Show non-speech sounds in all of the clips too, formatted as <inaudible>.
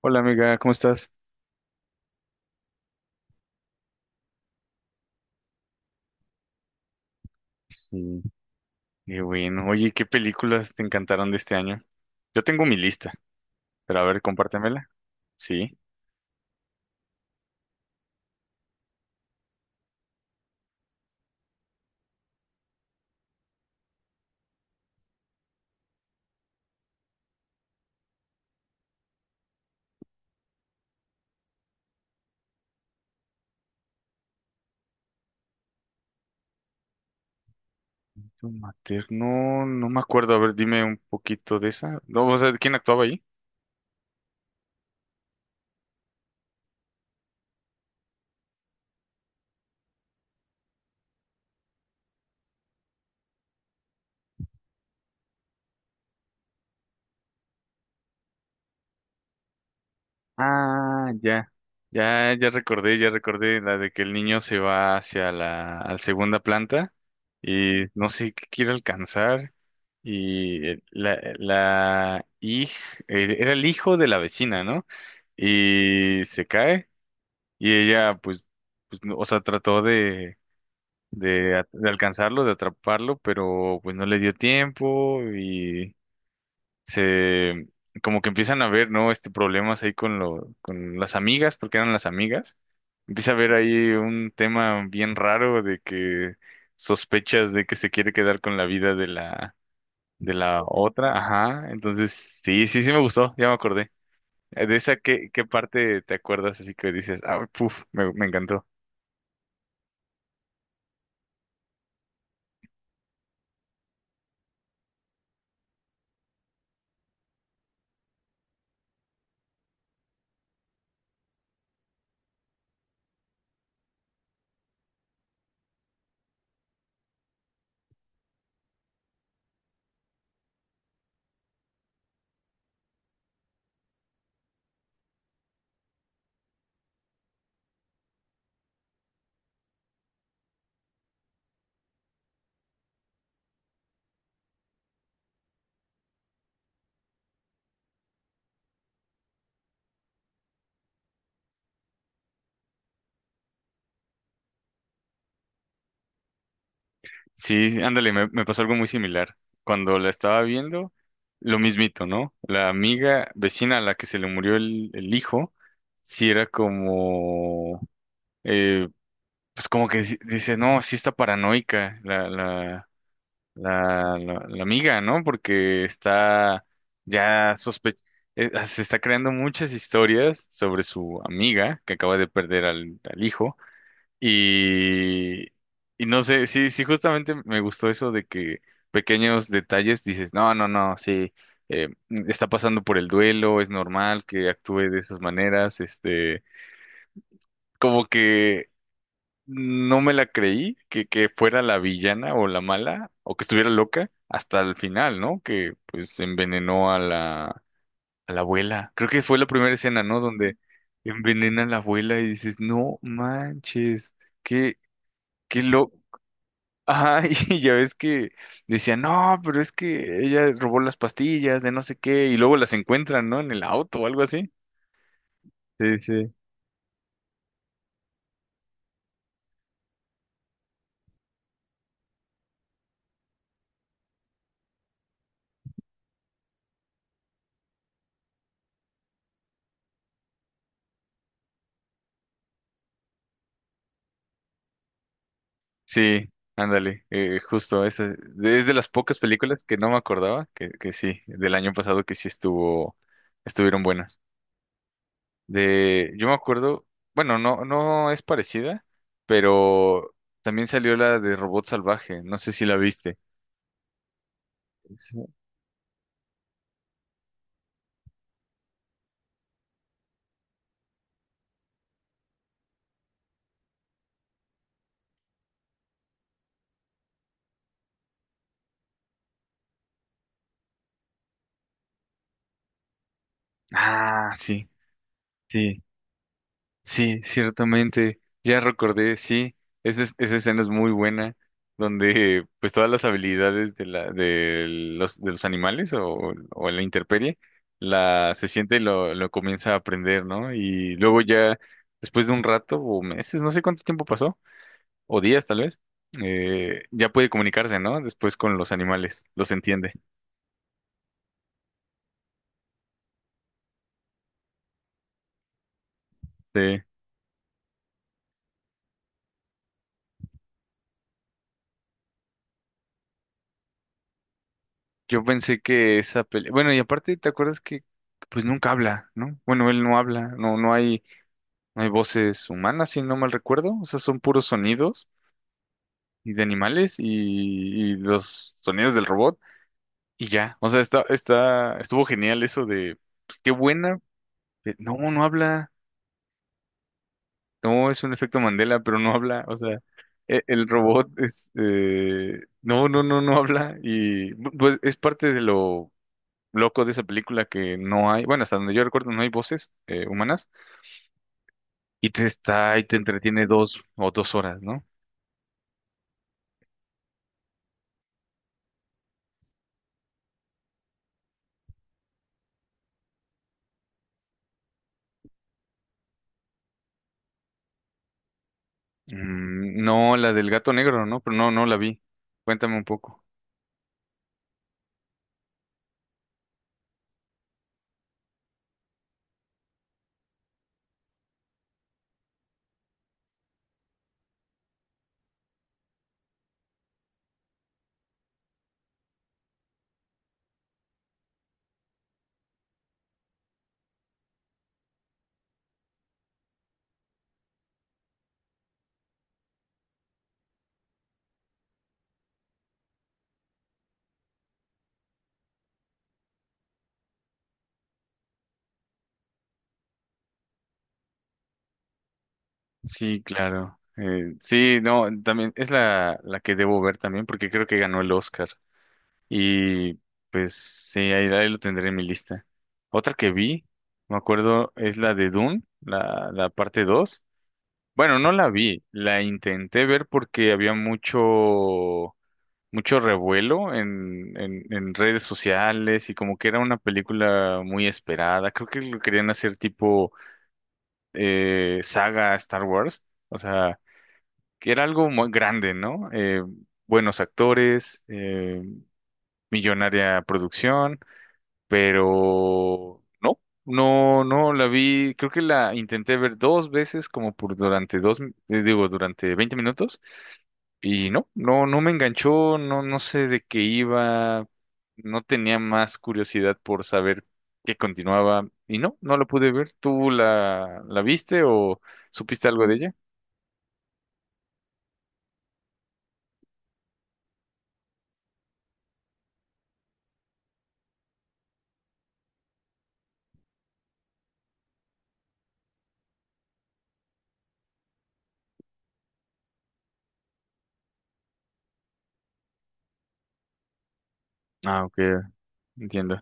Hola amiga, ¿cómo estás? Sí, qué bueno. Oye, ¿qué películas te encantaron de este año? Yo tengo mi lista, pero a ver, compártemela. Sí. Tu Materno, no me acuerdo. A ver, dime un poquito de esa. No, o sea, ¿quién actuaba ahí? Ah, ya. Ya, ya recordé la de que el niño se va a la segunda planta y no sé qué quiere alcanzar. La era el hijo de la vecina, ¿no? Y se cae y ella pues, o sea, trató de alcanzarlo, de atraparlo, pero pues no le dio tiempo y se como que empiezan a ver, ¿no? Este problemas ahí con las amigas, porque eran las amigas. Empieza a haber ahí un tema bien raro de que sospechas de que se quiere quedar con la vida de la otra, ajá. Entonces, sí, sí, sí me gustó, ya me acordé. ¿De esa qué parte te acuerdas así que dices, ah, puf, me encantó? Sí, ándale, me pasó algo muy similar. Cuando la estaba viendo, lo mismito, ¿no? La amiga vecina a la que se le murió el hijo, sí era como, eh, pues como que dice, no, sí está paranoica la amiga, ¿no? Porque está ya sospe... se está creando muchas historias sobre su amiga que acaba de perder al hijo. Y, y no sé, sí, sí, justamente me gustó eso de que pequeños detalles dices, no, no, no, sí, eh, está pasando por el duelo, es normal que actúe de esas maneras, este, como que no me la creí que fuera la villana o la mala o que estuviera loca hasta el final, ¿no? Que pues envenenó a la abuela. Creo que fue la primera escena, ¿no? Donde envenena a la abuela y dices, no manches, qué, qué loco. Ajá, <laughs> y ya ves que decían, no, pero es que ella robó las pastillas de no sé qué, y luego las encuentran, ¿no? En el auto o algo así. Sí, sí. Sí, ándale, justo, esa es de las pocas películas que no me acordaba, que sí, del año pasado que sí estuvieron buenas. Yo me acuerdo, bueno, no, no es parecida, pero también salió la de Robot Salvaje, no sé si la viste. Sí. Ah, sí. Sí, ciertamente, ya recordé, sí, esa escena es muy buena, donde pues todas las habilidades de los animales o la intemperie, la se siente y lo comienza a aprender, ¿no? Y luego ya, después de un rato o meses, no sé cuánto tiempo pasó, o días tal vez, ya puede comunicarse, ¿no? Después con los animales, los entiende. Sí. Yo pensé que esa pelea, bueno, y aparte, ¿te acuerdas que pues nunca habla? ¿No? Bueno, él no habla, no, no hay voces humanas, si no mal recuerdo. O sea, son puros sonidos y de animales y los sonidos del robot y ya. O sea, estuvo genial eso de, pues qué buena. No, no habla. No, es un efecto Mandela, pero no habla. O sea, el robot es, no, no, no, no habla. Y pues es parte de lo loco de esa película que no hay, bueno, hasta donde yo recuerdo no hay voces humanas y te está y te entretiene dos o dos horas, ¿no? No, la del gato negro, ¿no? Pero no, no la vi. Cuéntame un poco. Sí, claro. Sí, no, también es la que debo ver también porque creo que ganó el Oscar. Y pues sí, ahí lo tendré en mi lista. Otra que vi, me acuerdo, es la de Dune, la parte 2. Bueno, no la vi, la intenté ver porque había mucho, mucho revuelo en redes sociales y como que era una película muy esperada. Creo que lo querían hacer tipo saga Star Wars, o sea, que era algo muy grande, ¿no? Buenos actores, millonaria producción, pero no, no, no la vi. Creo que la intenté ver dos veces como por durante 20 minutos. Y no, no, no me enganchó, no, no sé de qué iba, no tenía más curiosidad por saber qué continuaba. Y no, no la pude ver. ¿Tú la viste o supiste algo de ella? Ah, ok, entiendo.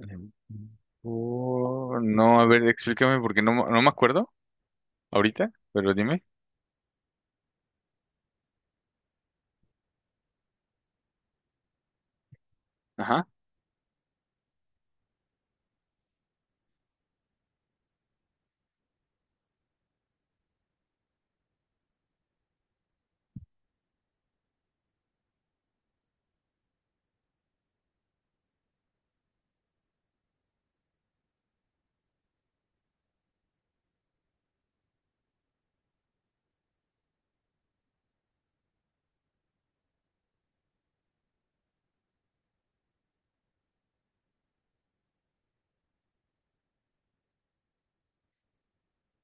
Em, oh, no, a ver, explícame porque no, no me acuerdo ahorita, pero dime. Ajá.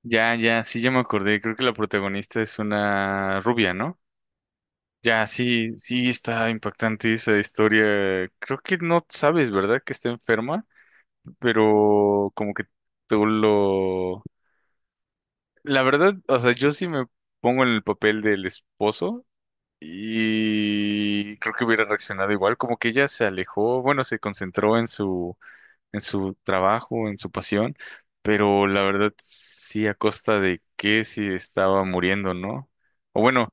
Ya, ya, sí, ya me acordé. Creo que la protagonista es una rubia, ¿no? Ya, sí, sí está impactante esa historia. Creo que no sabes, ¿verdad? Que está enferma, pero como que tú lo... La verdad, o sea, yo sí me pongo en el papel del esposo y creo que hubiera reaccionado igual, como que ella se alejó, bueno, se concentró en su trabajo, en su pasión, pero la verdad sí a costa de que si estaba muriendo, ¿no? O bueno,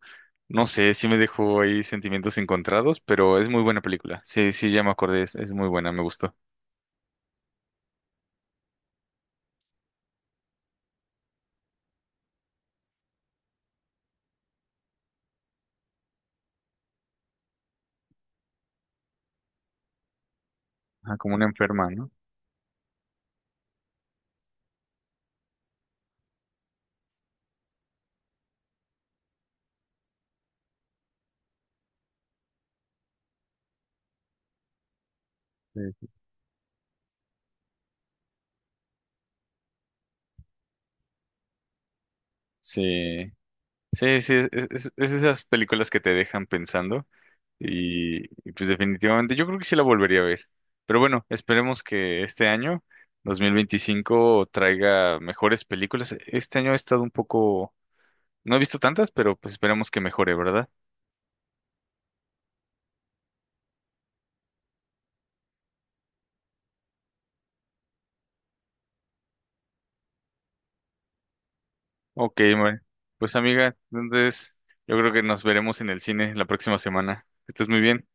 no sé, sí me dejó ahí sentimientos encontrados, pero es muy buena película. Sí, sí, ya me acordé, es muy buena, me gustó. Ah, como una enferma, ¿no? Sí, sí, sí, sí, es esas películas que te dejan pensando. Pues definitivamente yo creo que sí la volvería a ver. Pero bueno, esperemos que este año, 2025 traiga mejores películas. Este año he estado un poco, no he visto tantas, pero pues esperemos que mejore, ¿verdad? Ok, bueno. Pues amiga, entonces yo creo que nos veremos en el cine la próxima semana. Que estés muy bien.